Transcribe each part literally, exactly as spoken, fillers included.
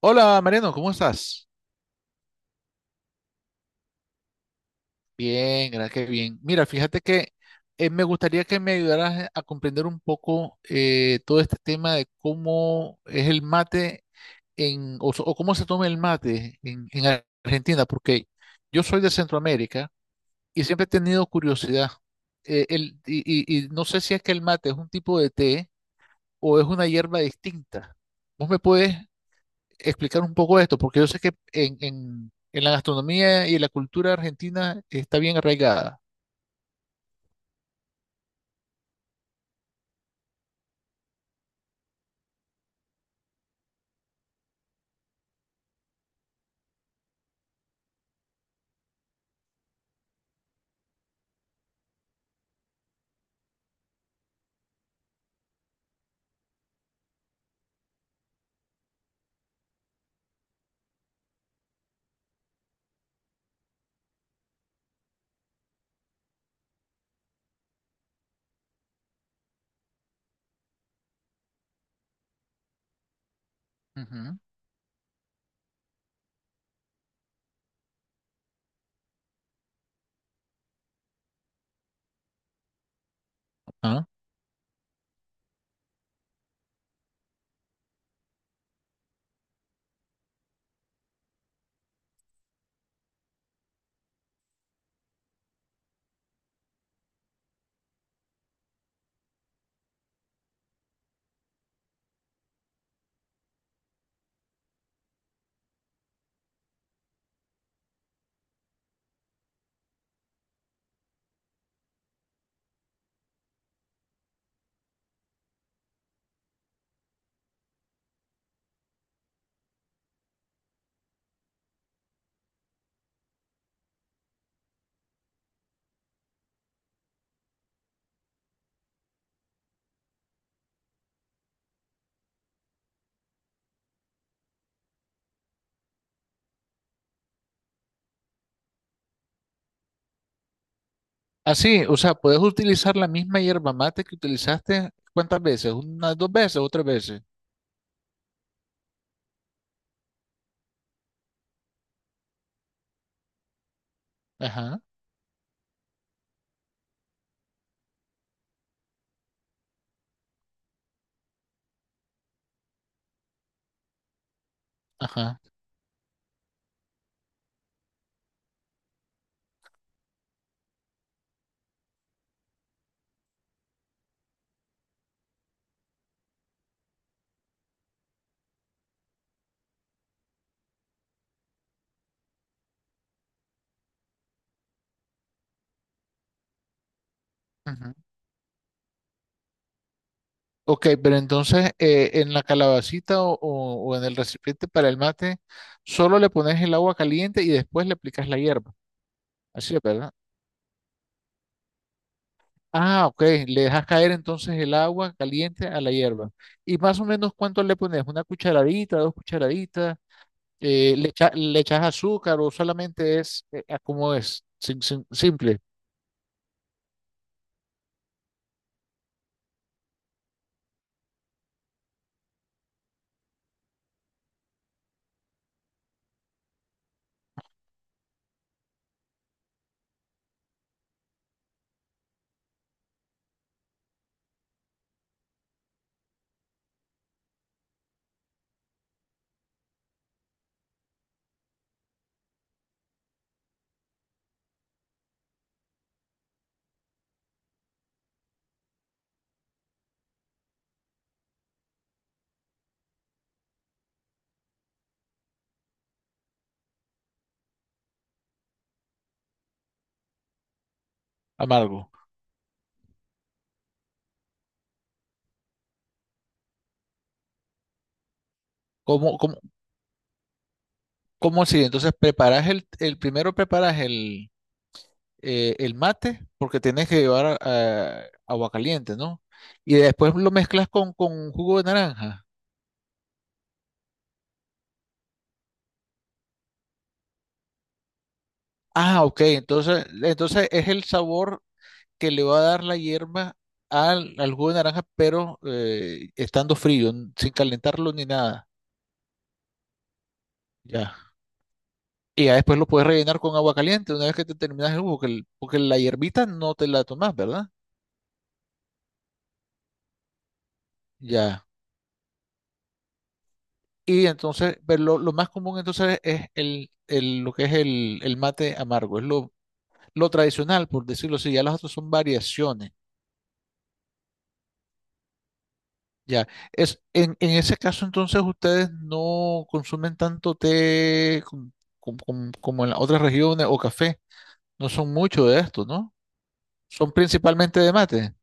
Hola Mariano, ¿cómo estás? Bien, gracias, qué bien. Mira, fíjate que eh, me gustaría que me ayudaras a comprender un poco eh, todo este tema de cómo es el mate en, o, so- o cómo se toma el mate en, en Ar- Argentina, porque yo soy de Centroamérica y siempre he tenido curiosidad. Eh, el- y, y- y no sé si es que el mate es un tipo de té o es una hierba distinta. ¿Vos me puedes explicar un poco esto? Porque yo sé que en, en- en la gastronomía y en la cultura argentina está bien arraigada. Ujú. Ah. Así, o sea, puedes utilizar la misma hierba mate que utilizaste, ¿cuántas veces? ¿Unas dos veces o tres veces? Ajá, ajá. Ujú. Ok, pero entonces eh, en la calabacita o, o- o en el recipiente para el mate, solo le pones el agua caliente y después le aplicas la hierba. Así es, ¿verdad? Ah, ok. Le dejas caer entonces el agua caliente a la hierba. ¿Y más o menos cuánto le pones? ¿Una cucharadita, dos cucharaditas? Eh, le echa- le echas azúcar o solamente es eh, ah, como es? Sim- sim- ¿simple, amargo? ¿Cómo, cómo, ¿Cómo así? Entonces preparas el, el primero preparas el, eh, el mate porque tienes que llevar ah, agua caliente, ¿no? Y después lo mezclas con, con jugo de naranja. Ah, ok. Entonces, entonces es el sabor que le va a dar la hierba al, al jugo de naranja, pero eh, estando frío, n- sin calentarlo ni nada. Ya. Y ya después lo puedes rellenar con agua caliente una vez que te terminas el jugo, que el- porque la hierbita no te la tomas, ¿verdad? Ya. Y entonces, pero lo, lo más común entonces es el, el- lo que es el, el mate amargo, es lo, lo tradicional, por decirlo así. Ya las otras son variaciones. Ya, es, en, en ese caso entonces ustedes no consumen tanto té com- com- com- como en las otras regiones, o café, no son mucho de esto, ¿no? Son principalmente de mate.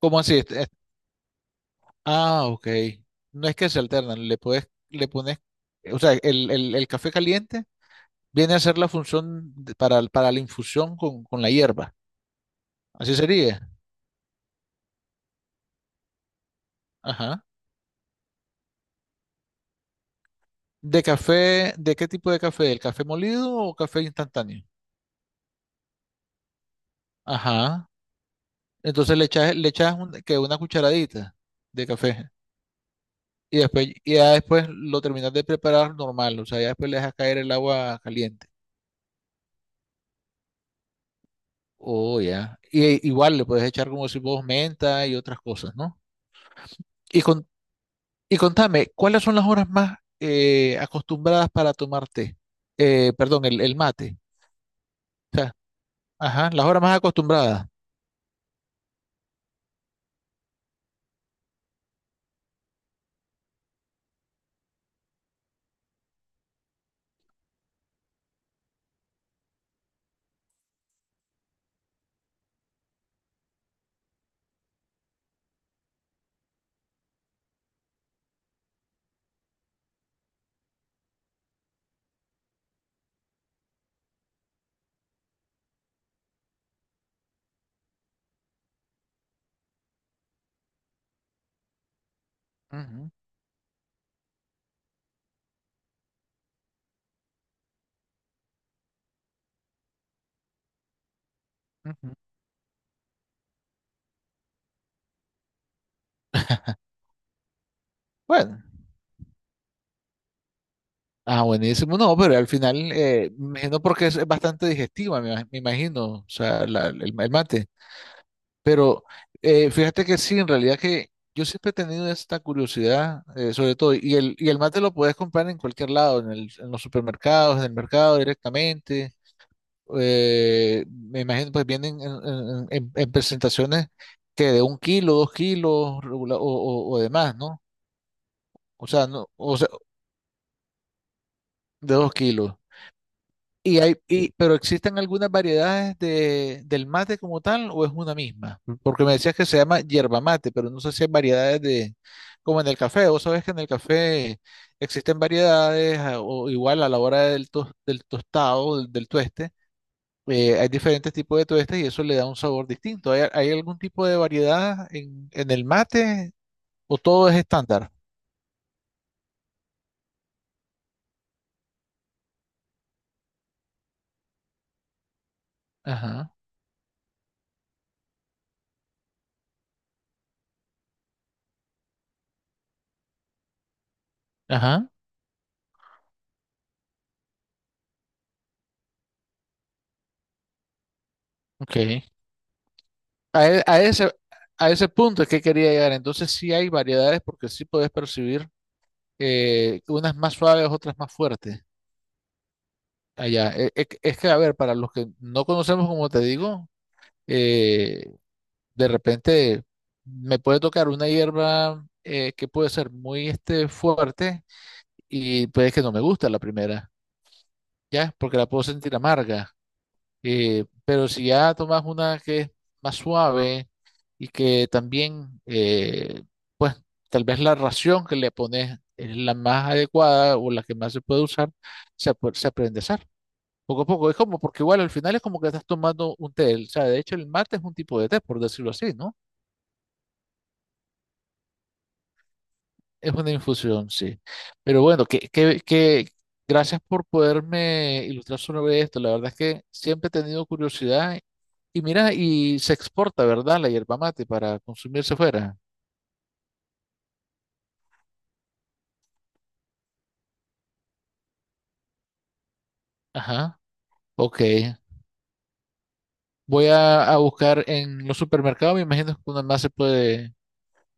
¿Cómo así? Est- est- ah, ok. No es que se alternan, le puedes, le pones, o sea, el, el- el café caliente viene a ser la función de- para, para la infusión con, con la hierba. Así sería. Ajá. ¿De café, de qué tipo de café? ¿El café molido o café instantáneo? Ajá. Entonces le echas, le echas un- que una cucharadita de café y después, y ya después lo terminas de preparar normal, o sea, ya después le dejas caer el agua caliente. Oh, ya. Y igual le puedes echar como si vos menta y otras cosas, ¿no? Y, con, y contame, ¿cuáles son las horas más eh, acostumbradas para tomar té? Eh, perdón, el, el mate. O sea, ajá, las horas más acostumbradas. Ujú, ujú. Bueno. Ah, buenísimo. No, pero al final, eh, me imagino porque es, es bastante digestiva, me, ima- me imagino, o sea, la- el, el mate. Pero eh, fíjate que sí, en realidad que yo siempre he tenido esta curiosidad, eh, sobre todo, y el, y el mate lo puedes comprar en cualquier lado, en el- en los supermercados, en el mercado directamente. Eh, me imagino, pues vienen en, en- en- en presentaciones que de un kilo, dos kilos, regula- o, o, o de más, ¿no? O sea, no, o sea, de dos kilos. Y hay, y, pero ¿existen algunas variedades de, del mate como tal o es una misma? Porque me decías que se llama yerba mate, pero no sé si hay variedades de, como en el café. Vos sabés que en el café existen variedades, a- o igual a la hora del, tos- del tostado, del, del tueste, eh, hay diferentes tipos de tuestes y eso le da un sabor distinto. ¿Hay, hay algún tipo de variedad en, en el mate, o todo es estándar? Ajá, ajá, ok. A, e- a ese, a ese punto es que quería llegar. Entonces sí hay variedades porque sí puedes percibir eh, unas más suaves, otras más fuertes allá. E- e- Es, que, a ver, para los que no conocemos, como te digo, eh, de repente me puede tocar una hierba eh, que puede ser muy este, fuerte, y puede que no me guste a la primera, ¿ya? Porque la puedo sentir amarga. Eh, pero si ya tomas una que es más suave, y que también, eh, pues tal vez la ración que le pones es la más adecuada o la que más se puede usar, se, ap- se aprende a hacer. Poco a poco, es como, porque igual al final es como que estás tomando un té. O sea, de hecho el mate es un tipo de té, por decirlo así, ¿no? Es una infusión, sí. Pero bueno, que, que, que gracias por poderme ilustrar sobre esto. La verdad es que siempre he tenido curiosidad. Y mira, y se exporta, ¿verdad? La yerba mate para consumirse fuera. Ajá, ok. Voy a, a buscar en los supermercados, me imagino que una más se puede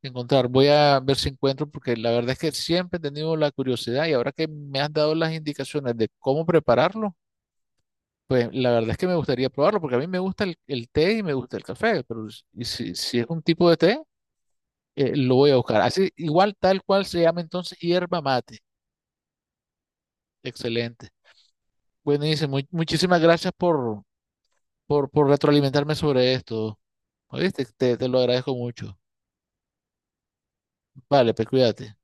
encontrar. Voy a ver si encuentro, porque la verdad es que siempre he tenido la curiosidad y ahora que me has dado las indicaciones de cómo prepararlo. Pues la verdad es que me gustaría probarlo porque a mí me gusta el, el té y me gusta el café, pero s- y si, si es un tipo de té, eh, lo voy a buscar. Así, igual tal cual se llama entonces hierba mate. Excelente. Buenísimo. Mu- Muchísimas gracias por, por, por retroalimentarme sobre esto. ¿Oíste? Te, te lo agradezco mucho. Vale, pues cuídate.